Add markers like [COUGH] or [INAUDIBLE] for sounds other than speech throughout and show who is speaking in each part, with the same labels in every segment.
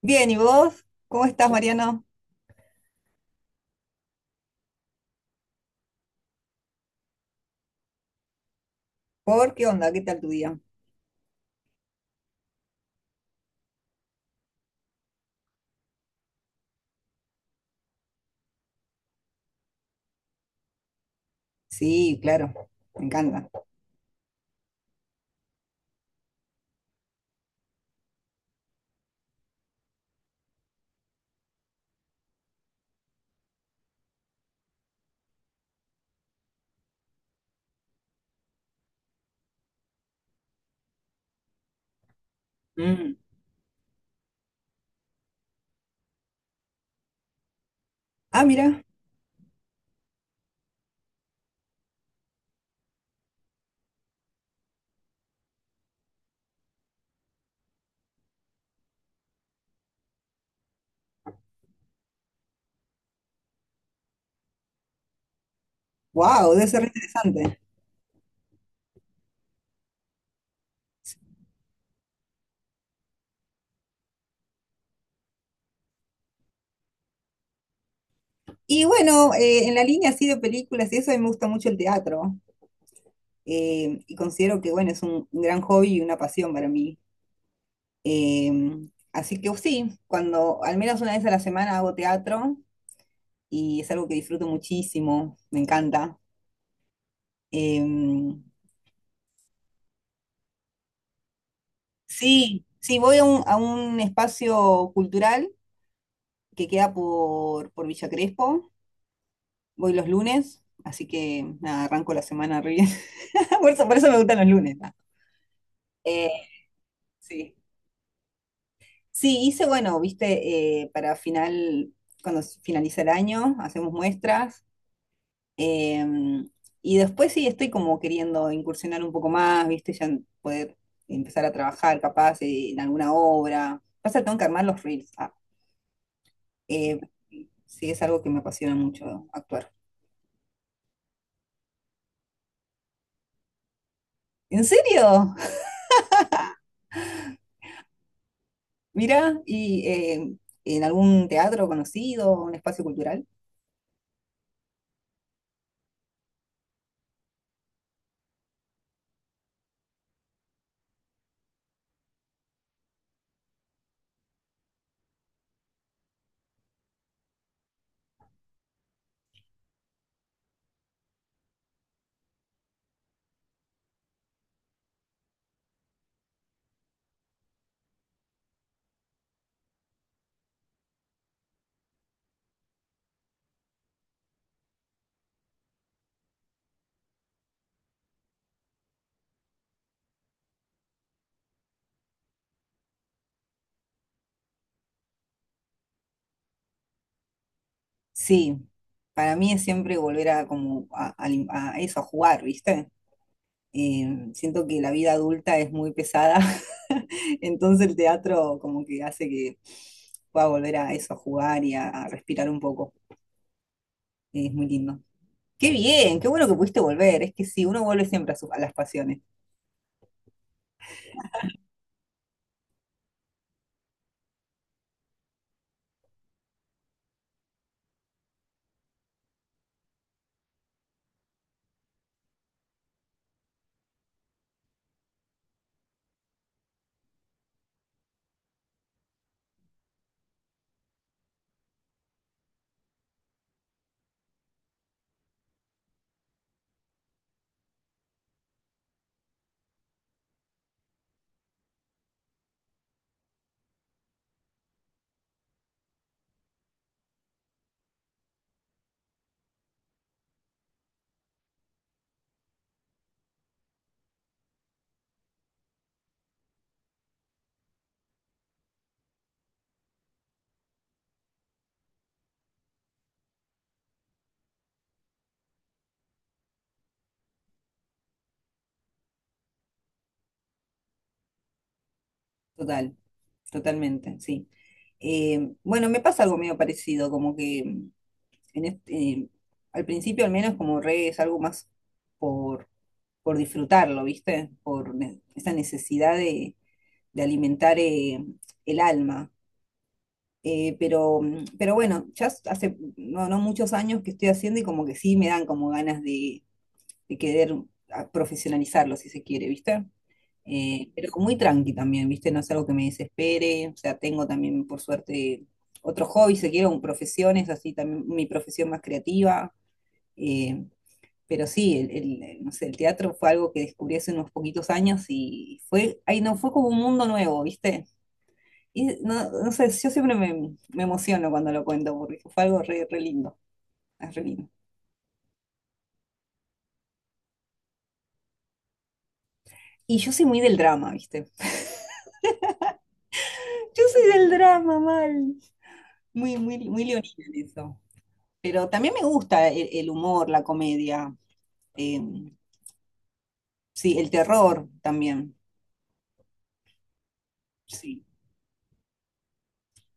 Speaker 1: Bien, ¿y vos? ¿Cómo estás, Mariano? ¿Por qué onda? ¿Qué tal tu día? Sí, claro, me encanta. Mm. Ah, mira, wow, debe ser re interesante. Y bueno, en la línea así de películas y eso, a mí me gusta mucho el teatro. Y considero que, bueno, es un gran hobby y una pasión para mí. Eh, Así que sí, cuando al menos una vez a la semana hago teatro y es algo que disfruto muchísimo, me encanta. Em, sí, sí, voy a a un espacio cultural que queda por Villa Crespo. Voy los lunes, así que nada, arranco la semana re bien. [LAUGHS] Por eso me gustan los lunes. Nada. Eh, sí. Sí, hice, bueno, viste, para final, cuando finaliza el año, hacemos muestras. eh, y después sí estoy como queriendo incursionar un poco más, viste, poder empezar a trabajar capaz en alguna obra. Pasa, que tengo que armar los reels. Ah. Eh, sí, es algo que me apasiona mucho actuar. ¿En serio? Mira, ¿y en algún teatro conocido, un espacio cultural? Sí, para mí es siempre volver a, como a, a eso, a jugar, ¿viste? Siento que la vida adulta es muy pesada, [LAUGHS] entonces el teatro como que hace que pueda volver a eso, a jugar y a respirar un poco. Es muy lindo. Qué bien, qué bueno que pudiste volver. Es que sí, uno vuelve siempre a, a las pasiones. Total, totalmente, sí. Bueno, me pasa algo medio parecido, como que en este, al principio al menos como reggae es algo más por, por disfrutarlo, ¿viste? Esa necesidad de alimentar el alma. Pero, mm, pero bueno, hace no, no muchos años que estoy haciendo y como que sí me dan como ganas de querer profesionalizarlo, si se quiere, ¿viste? Pero muy tranqui también, ¿viste? No es algo que me desespere, o sea, tengo también por suerte otro hobby, si se quiere, un profesiones, así también mi profesión más creativa. eh, pero sí, no sé, el teatro fue algo que descubrí hace unos poquitos años y fue, ahí no, fue como un mundo nuevo, ¿viste? Y no, no sé, yo siempre me, me emociono cuando lo cuento porque fue algo re, re lindo, es re lindo. Y yo soy muy del drama, ¿viste? Yo soy del drama, mal. Muy, muy, muy leonina en eso. Pero también me gusta el humor, la comedia, eh, sí, el terror también, sí.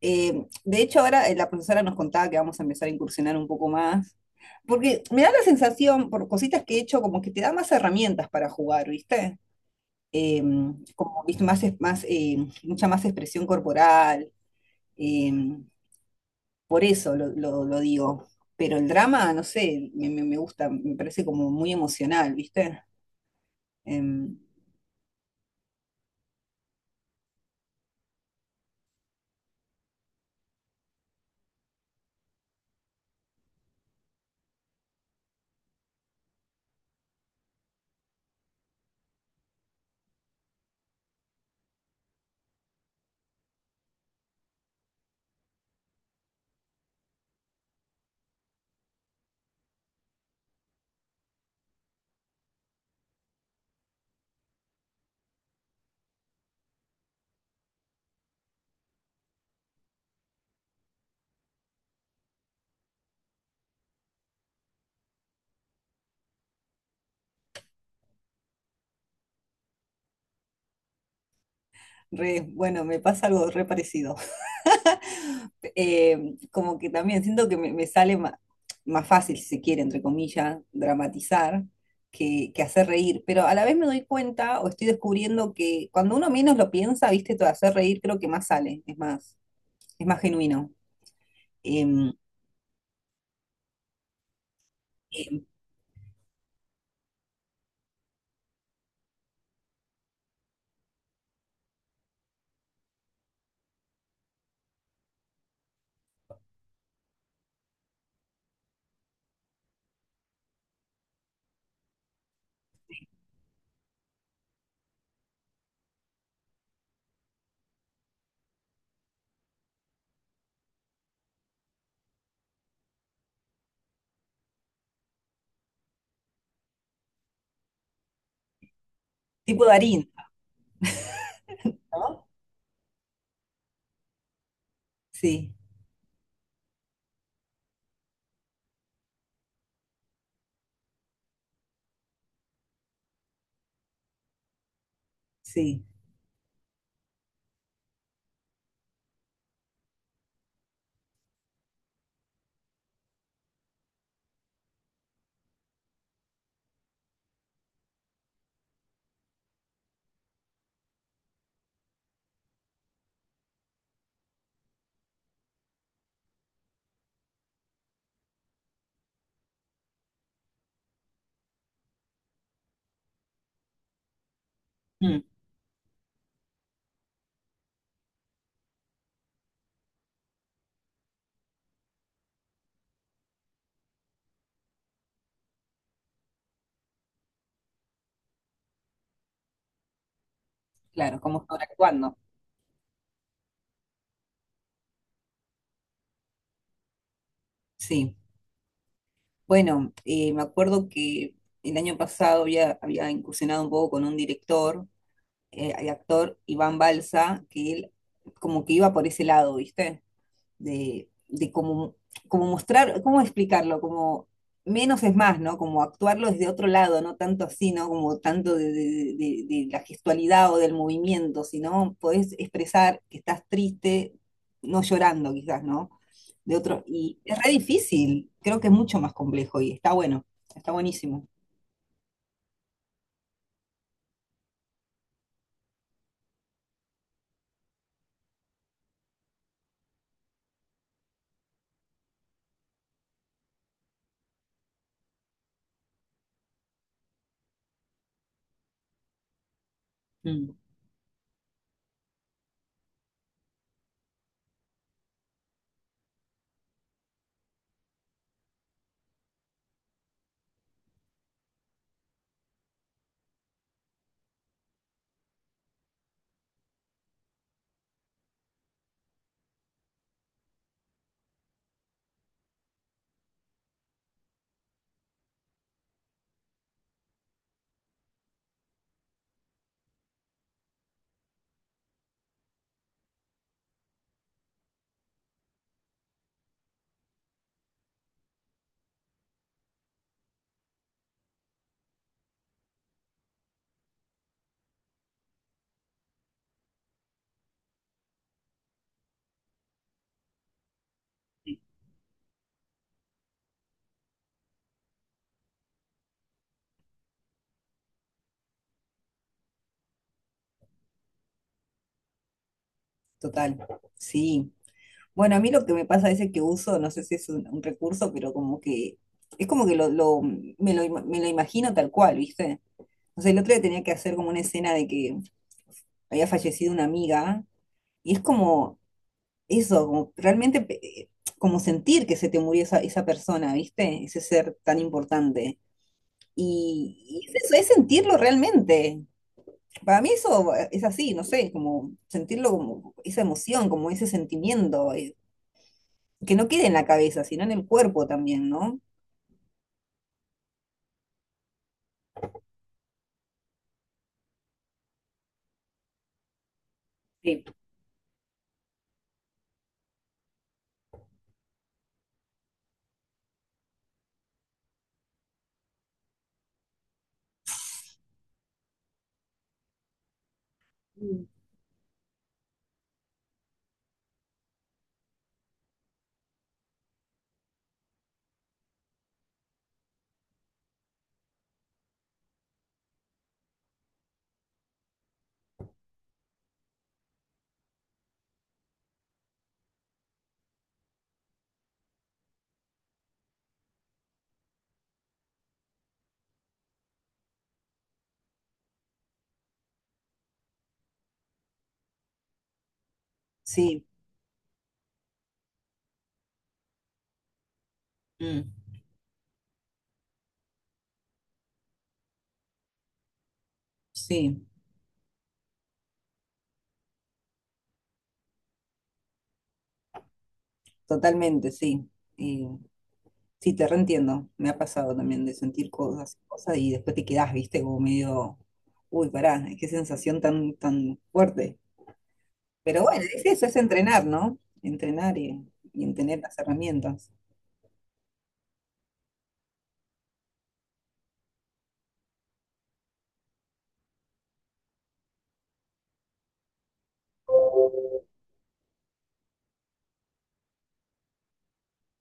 Speaker 1: De hecho, ahora la profesora nos contaba que vamos a empezar a incursionar un poco más, porque me da la sensación, por cositas que he hecho, como que te da más herramientas para jugar, ¿viste? Em, como, ¿viste? Más, más, mucha más expresión corporal, em, por eso lo digo. Pero el drama, no sé, me gusta, me parece como muy emocional, ¿viste? Em, bueno, me pasa algo re parecido. Como que también siento que me, más, fácil, si se quiere, entre comillas, dramatizar que hacer reír, pero a la vez me doy cuenta o estoy descubriendo que cuando uno menos lo piensa, viste, todo hacer reír creo que más sale, es más genuino. Em, em, tipo Darín, ¿no? Sí, sí. Mm, claro, como sobreactuando, sí. Bueno, me acuerdo que el año pasado había, había incursionado un poco con un director el actor Iván Balsa, que él como que iba por ese lado, ¿viste? De como, como mostrar, ¿cómo explicarlo? Como menos es más, ¿no? Como actuarlo desde otro lado, no tanto así, ¿no? Como tanto de, de la gestualidad o del movimiento, sino podés expresar que estás triste, no llorando quizás, ¿no? De otro, y es re difícil, creo que es mucho más complejo y está bueno, está buenísimo. Mm, total, sí. Bueno, a mí lo que me pasa es que uso, no sé si es un recurso, pero como que es como que me lo imagino tal cual, ¿viste? O sea, el otro día tenía que hacer como una escena de que había fallecido una amiga y es como eso, como realmente como sentir que se te murió esa, esa persona, ¿viste? Ese ser tan importante. Y es eso, es sentirlo realmente. Para mí eso es así, no sé, como sentirlo como esa emoción, como ese sentimiento. Que no quede en la cabeza, sino en el cuerpo también, ¿no? Sí. Sí, mm, sí, totalmente, sí. Eh, sí, te reentiendo. Me ha pasado también de sentir cosas, cosas y después te quedás, viste, como medio, uy, pará, qué sensación tan, tan fuerte. Pero bueno, es eso, es entrenar, ¿no? Entrenar y en tener las herramientas.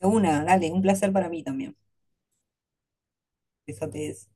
Speaker 1: De Una, dale, un placer para mí también. Besotes.